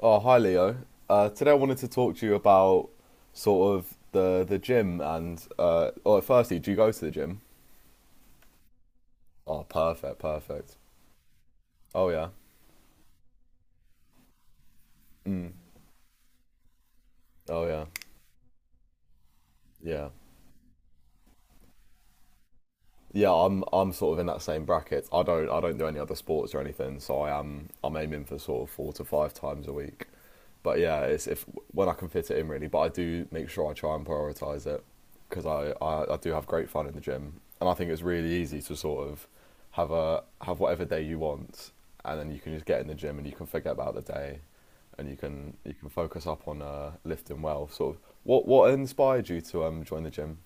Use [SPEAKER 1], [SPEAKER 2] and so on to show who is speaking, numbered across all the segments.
[SPEAKER 1] Oh, hi Leo. Today I wanted to talk to you about sort of the gym and firstly, do you go to the gym? Oh, perfect, perfect. Oh yeah. Oh yeah. Yeah. Yeah, I'm sort of in that same bracket. I don't do any other sports or anything, so I'm aiming for sort of four to five times a week. But yeah, it's if when I can fit it in really. But I do make sure I try and prioritize it because I do have great fun in the gym, and I think it's really easy to sort of have whatever day you want, and then you can just get in the gym and you can forget about the day, and you can focus up on lifting well. Sort of what inspired you to join the gym?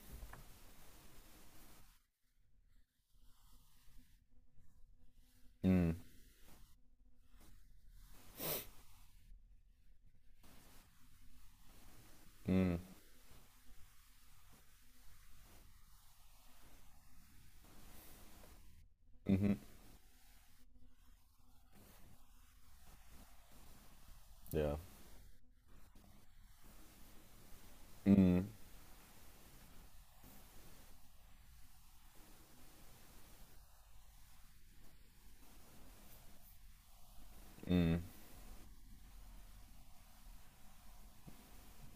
[SPEAKER 1] Yeah,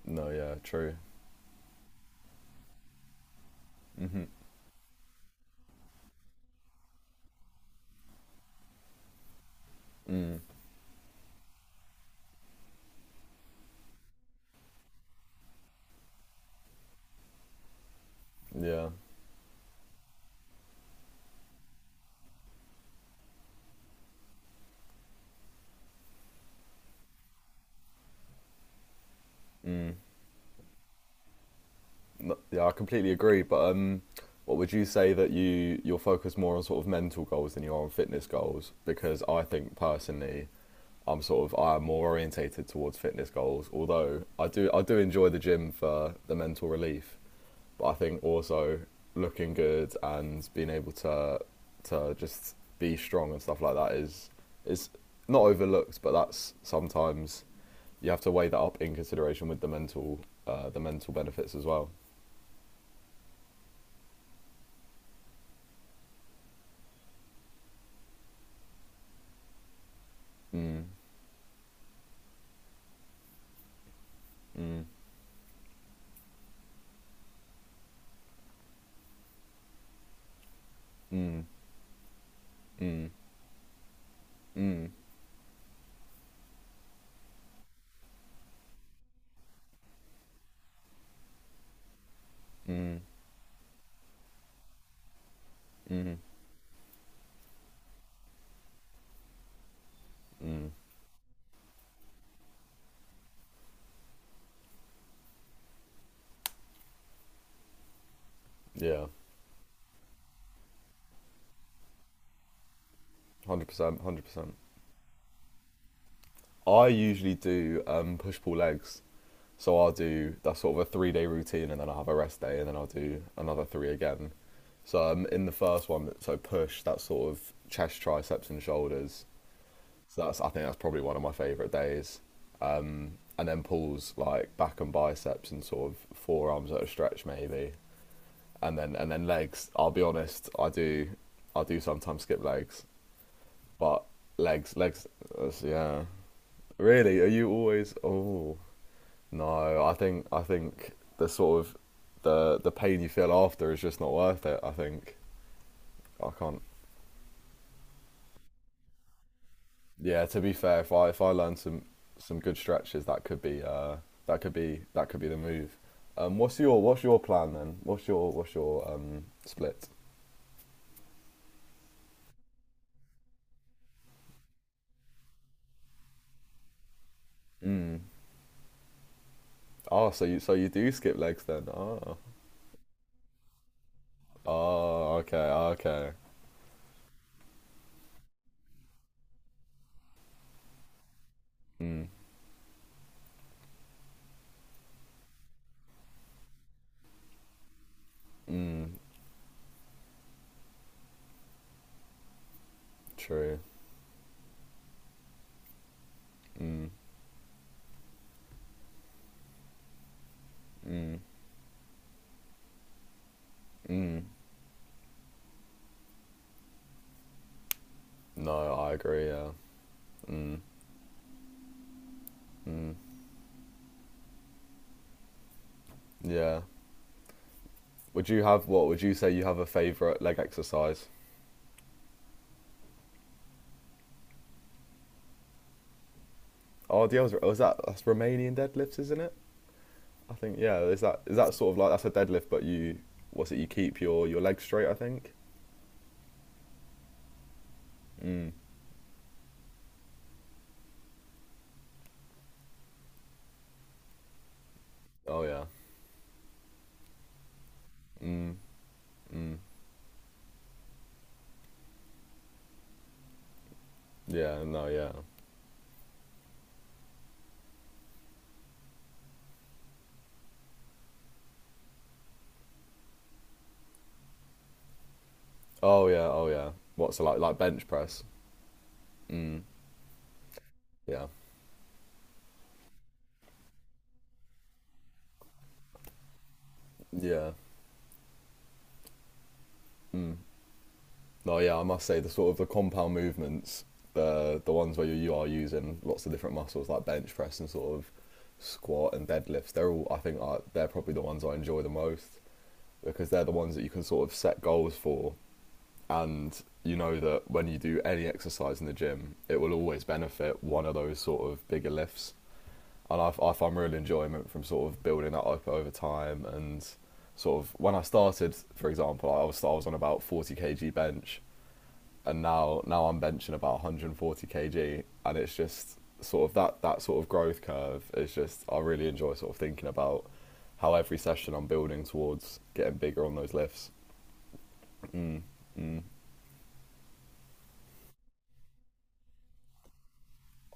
[SPEAKER 1] no, yeah, true. Yeah, yeah, I completely agree. But what would you say that you're focused more on sort of mental goals than you are on fitness goals? Because I think personally, I'm sort of I am more orientated towards fitness goals. Although I do enjoy the gym for the mental relief, but I think also looking good and being able to just be strong and stuff like that is not overlooked, but that's sometimes you have to weigh that up in consideration with the mental benefits as well. Mm, mm, mm, mm, mm, mm, mm. Yeah, 100%, 100%. I usually do push pull legs, so I'll do that's sort of a 3-day routine, and then I'll have a rest day, and then I'll do another three again. So in the first one, so push that's sort of chest, triceps, and shoulders. So that's I think that's probably one of my favourite days. And then pulls like back and biceps and sort of forearms at a stretch maybe, and then legs. I'll be honest, I do sometimes skip legs, but legs yeah. Really, are you always? Oh no, I think the sort of the pain you feel after is just not worth it. I can't. Yeah, to be fair, if I learn some good stretches, that could be that could be the move. What's your plan then? What's your split? Oh, so you do skip legs then? Oh, oh, okay, okay, true. Mm, mm, mm. No, I agree. Yeah. Mm, mm. Yeah. Would you have what? Would you say you have a favorite leg exercise? Oh, the other was that that's Romanian deadlifts, isn't it? I think yeah, is that sort of like that's a deadlift, but you what's it? You keep your legs straight, I think. Mm. Oh yeah. Mm. Mm. Yeah. No. Yeah. Oh yeah. Oh yeah. What's it like bench press? Mm. Yeah. Yeah. No. Yeah. I must say the sort of the compound movements, the ones where you are using lots of different muscles like bench press and sort of squat and deadlifts. They're all I think are, they're probably the ones I enjoy the most because they're the ones that you can sort of set goals for and you know that when you do any exercise in the gym, it will always benefit one of those sort of bigger lifts. And I find real enjoyment from sort of building that up over time. And sort of when I started, for example, I was on about 40 kg bench, and now I'm benching about 140 kg, and it's just sort of that sort of growth curve is just I really enjoy sort of thinking about how every session I'm building towards getting bigger on those lifts.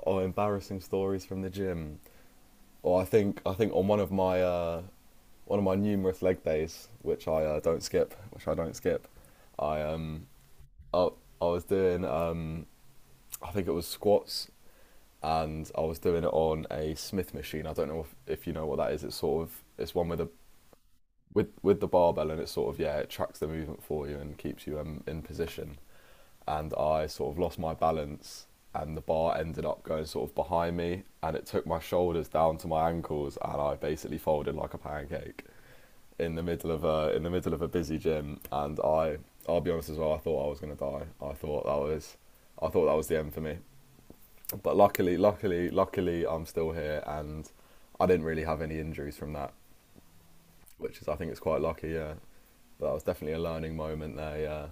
[SPEAKER 1] Oh, embarrassing stories from the gym. Or I think on one of my numerous leg days, which I don't skip, I I, I was doing I think it was squats and I was doing it on a Smith machine. I don't know if you know what that is. It's sort of it's one with a with the barbell and it's sort of yeah it tracks the movement for you and keeps you in position and I sort of lost my balance and the bar ended up going sort of behind me and it took my shoulders down to my ankles and I basically folded like a pancake in the middle of a busy gym and I'll be honest as well I thought I was going to die. I thought that was the end for me. But luckily I'm still here and I didn't really have any injuries from that, which is I think it's quite lucky, yeah. But that was definitely a learning moment there, yeah.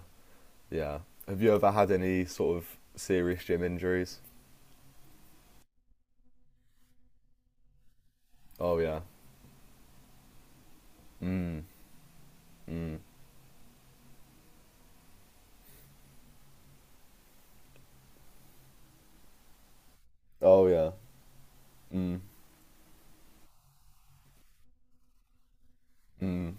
[SPEAKER 1] Yeah. Have you ever had any sort of serious gym injuries? Oh yeah. Mm. Mm. Oh yeah. Mm. Mm.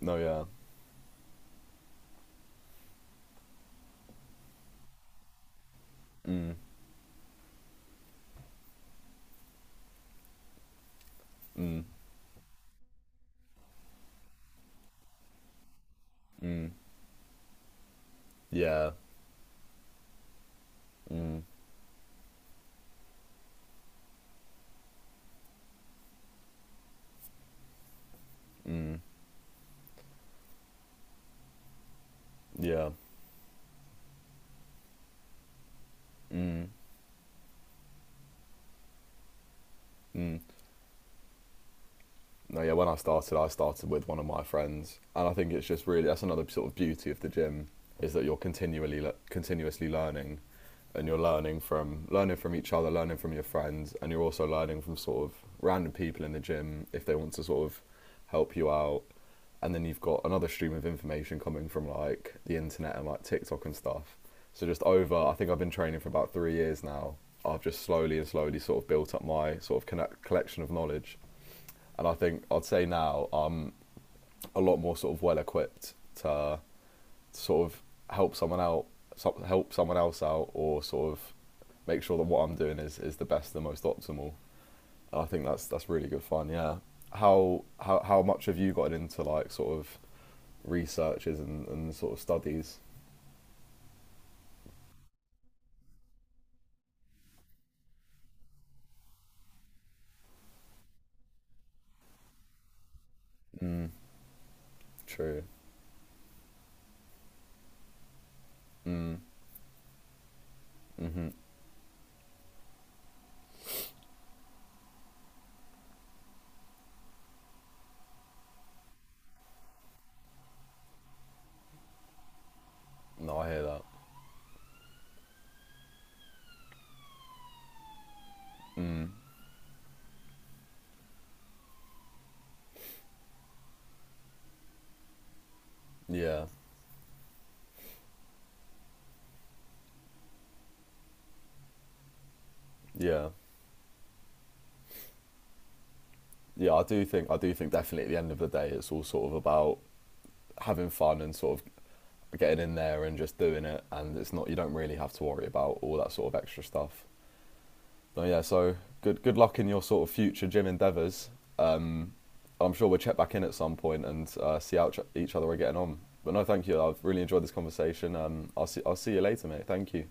[SPEAKER 1] No yeah. Yeah. Mm. Mm. Yeah. Mm. Mm. No, yeah, when I started with one of my friends, and I think it's just really that's another sort of beauty of the gym is that you're continually continuously learning, and you're learning from each other, learning from your friends, and you're also learning from sort of random people in the gym if they want to sort of help you out, and then you've got another stream of information coming from like the internet and like TikTok and stuff. So just over, I've been training for about 3 years now. I've just slowly and slowly sort of built up my sort of collection of knowledge and I'd say now I'm a lot more sort of well equipped to sort of help someone out, help someone else out, or sort of make sure that what I'm doing is the best, the most optimal. And I think that's really good fun. Yeah. How much have you gotten into like sort of researches and sort of studies? True. No, I hear that. Mm. Yeah. Yeah. Yeah, I do think definitely at the end of the day it's all sort of about having fun and sort of getting in there and just doing it, and it's not you don't really have to worry about all that sort of extra stuff. So yeah, so good luck in your sort of future gym endeavours. Um, I'm sure we'll check back in at some point and see how each other are getting on. But no, thank you. I've really enjoyed this conversation. I'll see you later, mate. Thank you.